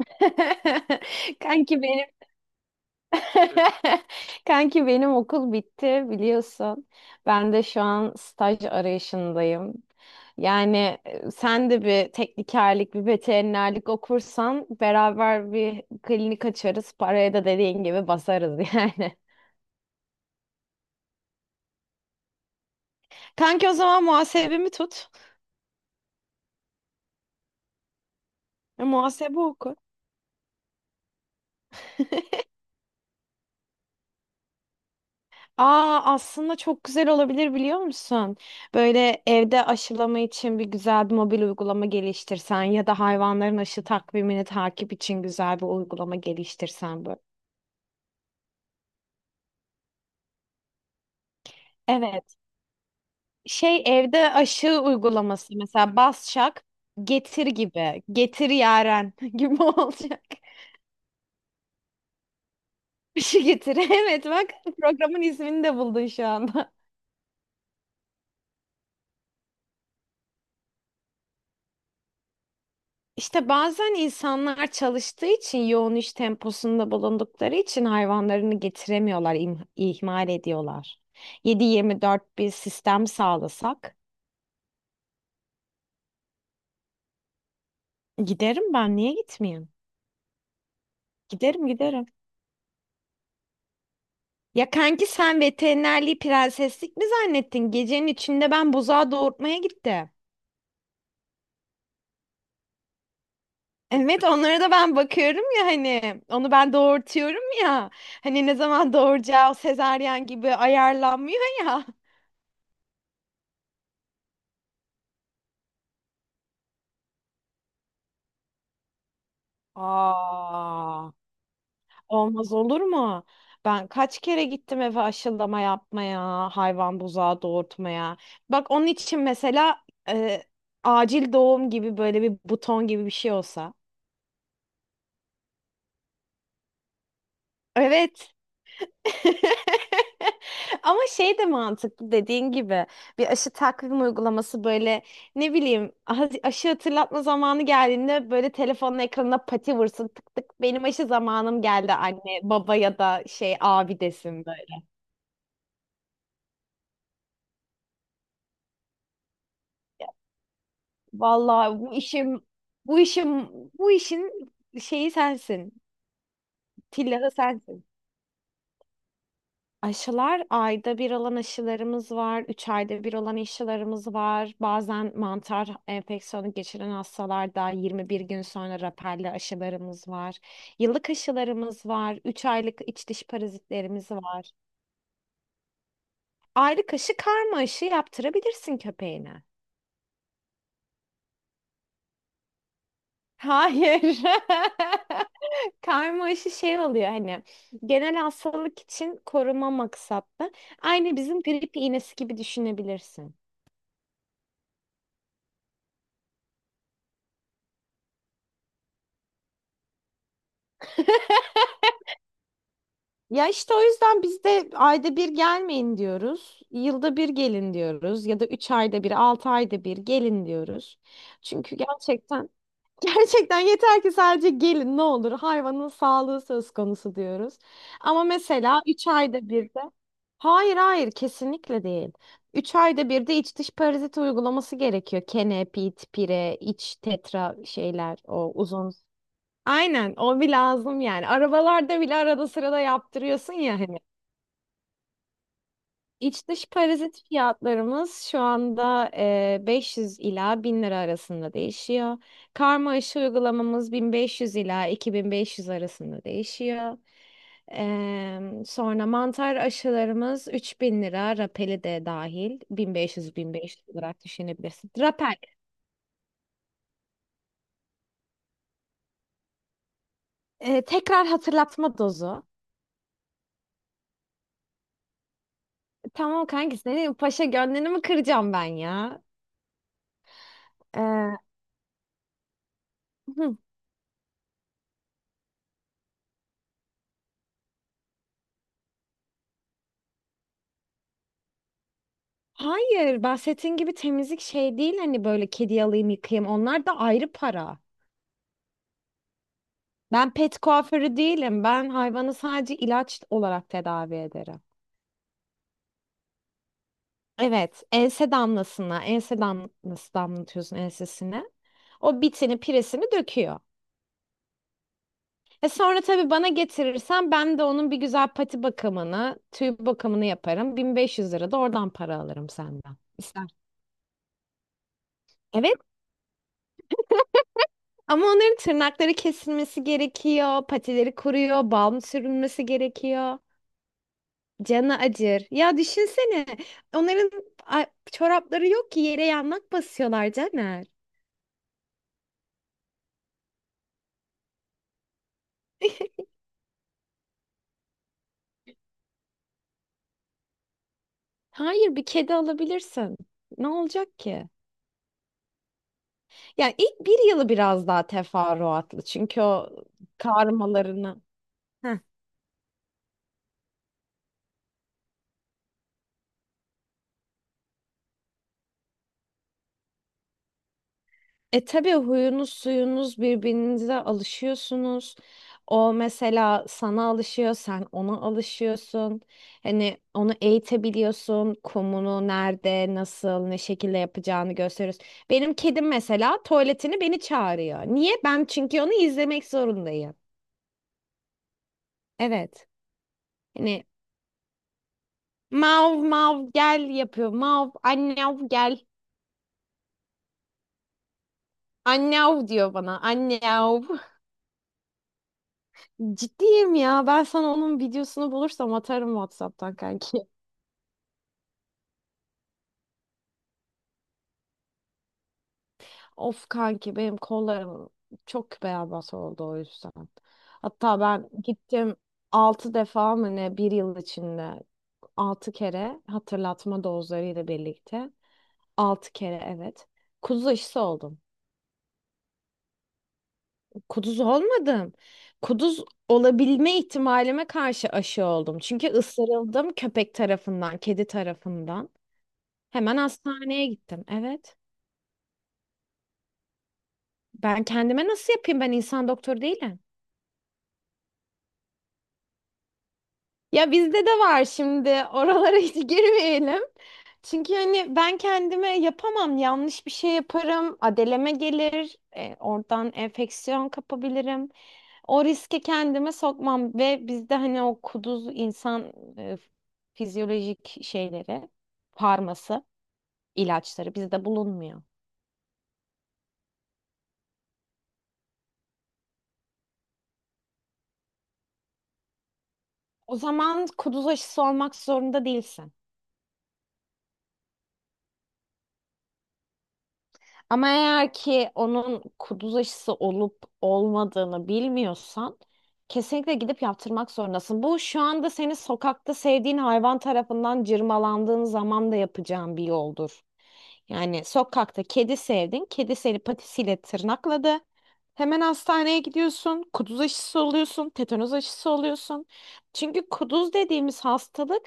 Kanki benim Kanki benim okul bitti biliyorsun. Ben de şu an staj arayışındayım. Yani sen de bir teknikerlik, bir veterinerlik okursan beraber bir klinik açarız. Paraya da dediğin gibi basarız yani. Kanki o zaman muhasebemi tut. Muhasebe oku. Aa aslında çok güzel olabilir biliyor musun? Böyle evde aşılama için bir güzel bir mobil uygulama geliştirsen ya da hayvanların aşı takvimini takip için güzel bir uygulama geliştirsen böyle. Evet. Şey evde aşı uygulaması mesela Basçak getir gibi. Getir Yaren gibi olacak. Aşı getir. Evet bak programın ismini de buldun şu anda. İşte bazen insanlar çalıştığı için yoğun iş temposunda bulundukları için hayvanlarını getiremiyorlar, ihmal ediyorlar. 7-24 bir sistem sağlasak giderim ben niye gitmeyeyim? Giderim giderim. Ya kanki sen veterinerliği prenseslik mi zannettin? Gecenin içinde ben buzağı doğurtmaya gittim. Evet onlara da ben bakıyorum ya hani onu ben doğurtuyorum ya. Hani ne zaman doğuracağı sezaryen gibi ayarlanmıyor ya. Aa. Olmaz olur mu? Ben kaç kere gittim eve aşılama yapmaya, hayvan buzağı doğurtmaya. Bak onun için mesela e, acil doğum gibi böyle bir buton gibi bir şey olsa. Evet. Ama şey de mantıklı dediğin gibi bir aşı takvim uygulaması böyle ne bileyim aşı hatırlatma zamanı geldiğinde böyle telefonun ekranına pati vursun tık tık benim aşı zamanım geldi anne baba ya da şey abi desin. Vallahi bu işim bu işin şeyi sensin. Tillahı sensin. Aşılar ayda bir olan aşılarımız var. Üç ayda bir olan aşılarımız var. Bazen mantar enfeksiyonu geçiren hastalarda 21 gün sonra rapelli aşılarımız var. Yıllık aşılarımız var. Üç aylık iç dış parazitlerimiz var. Aylık aşı karma aşı yaptırabilirsin köpeğine. Hayır. Karma aşı şey oluyor hani genel hastalık için koruma maksatlı. Aynı bizim grip iğnesi gibi düşünebilirsin. Ya işte o yüzden biz de ayda bir gelmeyin diyoruz. Yılda bir gelin diyoruz. Ya da üç ayda bir, altı ayda bir gelin diyoruz. Çünkü gerçekten yeter ki sadece gelin ne olur hayvanın sağlığı söz konusu diyoruz. Ama mesela 3 ayda bir de hayır hayır kesinlikle değil. 3 ayda bir de iç dış parazit uygulaması gerekiyor. Kene, pit, pire, iç tetra şeyler o uzun. Aynen o bir lazım yani. Arabalarda bile arada sırada yaptırıyorsun ya hani. İç dış parazit fiyatlarımız şu anda 500 ila 1000 lira arasında değişiyor. Karma aşı uygulamamız 1500 ila 2500 arasında değişiyor. Sonra mantar aşılarımız 3.000 lira, rapeli de dahil 1500-1500 olarak düşünebilirsin. Rapel, tekrar hatırlatma dozu. Tamam kanki senin paşa gönlünü mü kıracağım ben ya? E, Hayır, bahsettiğin gibi temizlik şey değil hani böyle kedi alayım yıkayayım onlar da ayrı para. Ben pet kuaförü değilim. Ben hayvanı sadece ilaç olarak tedavi ederim. Evet, ense damlasına, ense damlası damlatıyorsun ensesine. O bitini, piresini döküyor. E sonra tabii bana getirirsen ben de onun bir güzel pati bakımını, tüy bakımını yaparım. 1500 lira da oradan para alırım senden. İster. Evet, ama onların tırnakları kesilmesi gerekiyor, patileri kuruyor, balm sürülmesi gerekiyor. Canı acır. Ya düşünsene, onların a- çorapları yok ki yere yanmak basıyorlar Caner. Hayır, bir kedi alabilirsin. Ne olacak ki? Yani ilk bir yılı biraz daha teferruatlı çünkü o karmalarını. E tabii huyunuz suyunuz birbirinize alışıyorsunuz. O mesela sana alışıyor, sen ona alışıyorsun. Hani onu eğitebiliyorsun. Kumunu nerede, nasıl, ne şekilde yapacağını gösteriyoruz. Benim kedim mesela tuvaletini beni çağırıyor. Niye? Ben çünkü onu izlemek zorundayım. Evet. Hani mav mav gel yapıyor. Mav annev gel. Annev diyor bana. Annev. Ciddiyim ya. Ben sana onun videosunu bulursam atarım WhatsApp'tan kanki. Of kanki benim kollarım çok beyaz oldu o yüzden. Hatta ben gittim 6 defa mı ne bir yıl içinde 6 kere hatırlatma dozlarıyla birlikte 6 kere evet. Kuduz aşısı oldum. Kuduz olmadım. Kuduz olabilme ihtimalime karşı aşı oldum. Çünkü ısırıldım köpek tarafından, kedi tarafından. Hemen hastaneye gittim. Evet. Ben kendime nasıl yapayım? Ben insan doktoru değilim. Ya bizde de var şimdi. Oralara hiç girmeyelim. Çünkü hani ben kendime yapamam. Yanlış bir şey yaparım. Adeleme gelir. Oradan enfeksiyon kapabilirim. O riski kendime sokmam. Ve bizde hani o kuduz insan e, fizyolojik şeyleri, farması, ilaçları bizde bulunmuyor. O zaman kuduz aşısı olmak zorunda değilsin. Ama eğer ki onun kuduz aşısı olup olmadığını bilmiyorsan kesinlikle gidip yaptırmak zorundasın. Bu şu anda seni sokakta sevdiğin hayvan tarafından cırmalandığın zaman da yapacağın bir yoldur. Yani sokakta kedi sevdin, kedi seni patisiyle tırnakladı. Hemen hastaneye gidiyorsun, kuduz aşısı oluyorsun, tetanoz aşısı oluyorsun. Çünkü kuduz dediğimiz hastalık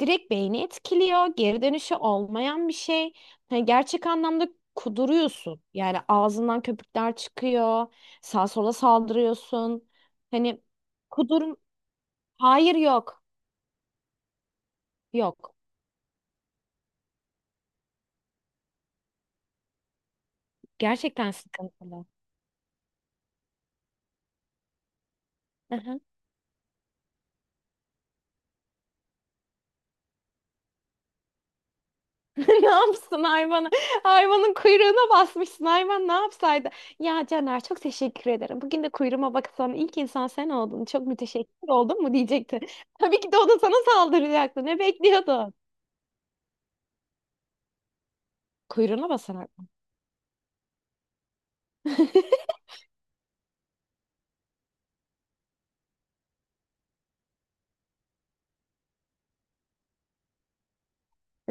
direkt beyni etkiliyor. Geri dönüşü olmayan bir şey. Hani gerçek anlamda kuduruyorsun. Yani ağzından köpükler çıkıyor. Sağa sola saldırıyorsun. Hani kudurum... Hayır yok. Yok. Gerçekten sıkıntılı. Aha. Ne yapsın hayvanı? Hayvanın kuyruğuna basmışsın. Hayvan ne yapsaydı? Ya Caner çok teşekkür ederim. Bugün de kuyruğuma baksan ilk insan sen oldun. Çok müteşekkir oldun mu diyecekti. Tabii ki de o da sana saldıracaktı. Ne bekliyordun? Kuyruğuna basar.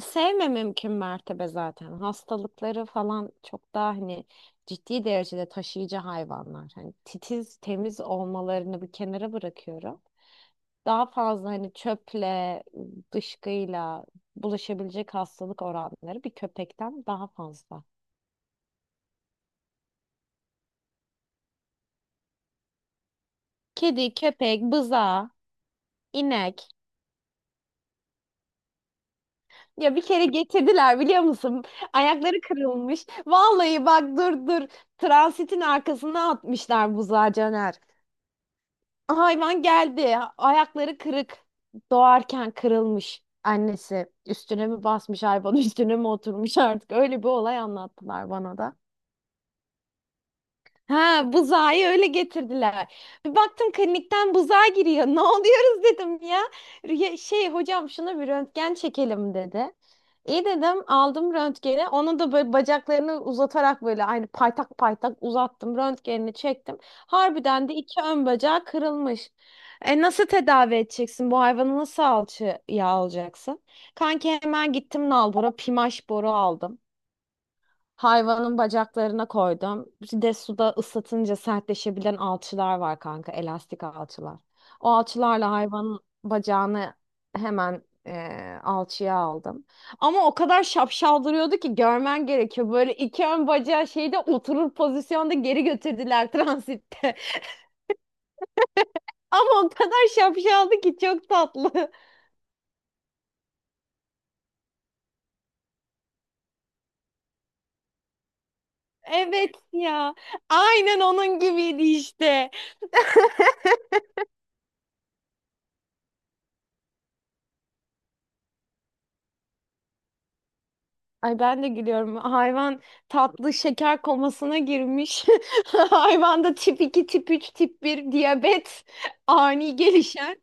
Sevme mümkün mertebe zaten. Hastalıkları falan çok daha hani ciddi derecede taşıyıcı hayvanlar. Hani titiz, temiz olmalarını bir kenara bırakıyorum. Daha fazla hani çöple, dışkıyla bulaşabilecek hastalık oranları bir köpekten daha fazla. Kedi, köpek, bıza, inek. Ya bir kere getirdiler biliyor musun? Ayakları kırılmış. Vallahi bak, dur dur. Transitin arkasına atmışlar buzağı Caner. Hayvan geldi. Ayakları kırık. Doğarken kırılmış. Annesi üstüne mi basmış hayvan? üstüne mi oturmuş artık öyle bir olay anlattılar bana da. Ha, buzağı öyle getirdiler. Bir baktım klinikten buzağı giriyor. Ne oluyoruz dedim ya. Şey hocam şuna bir röntgen çekelim dedi. İyi dedim aldım röntgeni. Onu da böyle bacaklarını uzatarak böyle aynı paytak paytak uzattım. Röntgenini çektim. Harbiden de iki ön bacağı kırılmış. E nasıl tedavi edeceksin? Bu hayvanı nasıl alçıya alacaksın? Kanki hemen gittim nalbura pimaş boru aldım. Hayvanın bacaklarına koydum. Bir de suda ıslatınca sertleşebilen alçılar var kanka, elastik alçılar. O alçılarla hayvanın bacağını hemen alçıya aldım. Ama o kadar şapşal duruyordu ki görmen gerekiyor. Böyle iki ön bacağı şeyde oturur pozisyonda geri götürdüler transitte. Ama o kadar şapşaldı ki çok tatlı. Evet ya. Aynen onun gibiydi işte. Ay ben de gülüyorum. Hayvan tatlı şeker komasına girmiş. Hayvanda tip 2 tip 3 tip bir diyabet ani gelişen.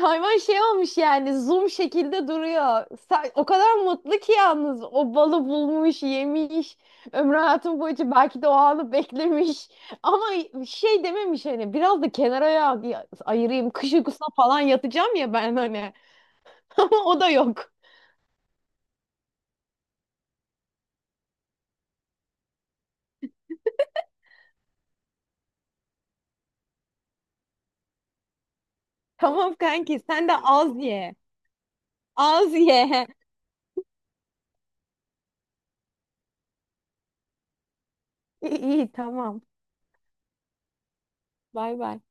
Hayvan şey olmuş yani zoom şekilde duruyor. O kadar mutlu ki yalnız o balı bulmuş, yemiş. Ömrü hayatım boyunca belki de o anı beklemiş. Ama şey dememiş hani biraz da kenara ayırayım. Kış uykusuna falan yatacağım ya ben hani. Ama o da yok. Tamam kanki sen de az ye. Az ye. İyi, iyi tamam. Bay bay.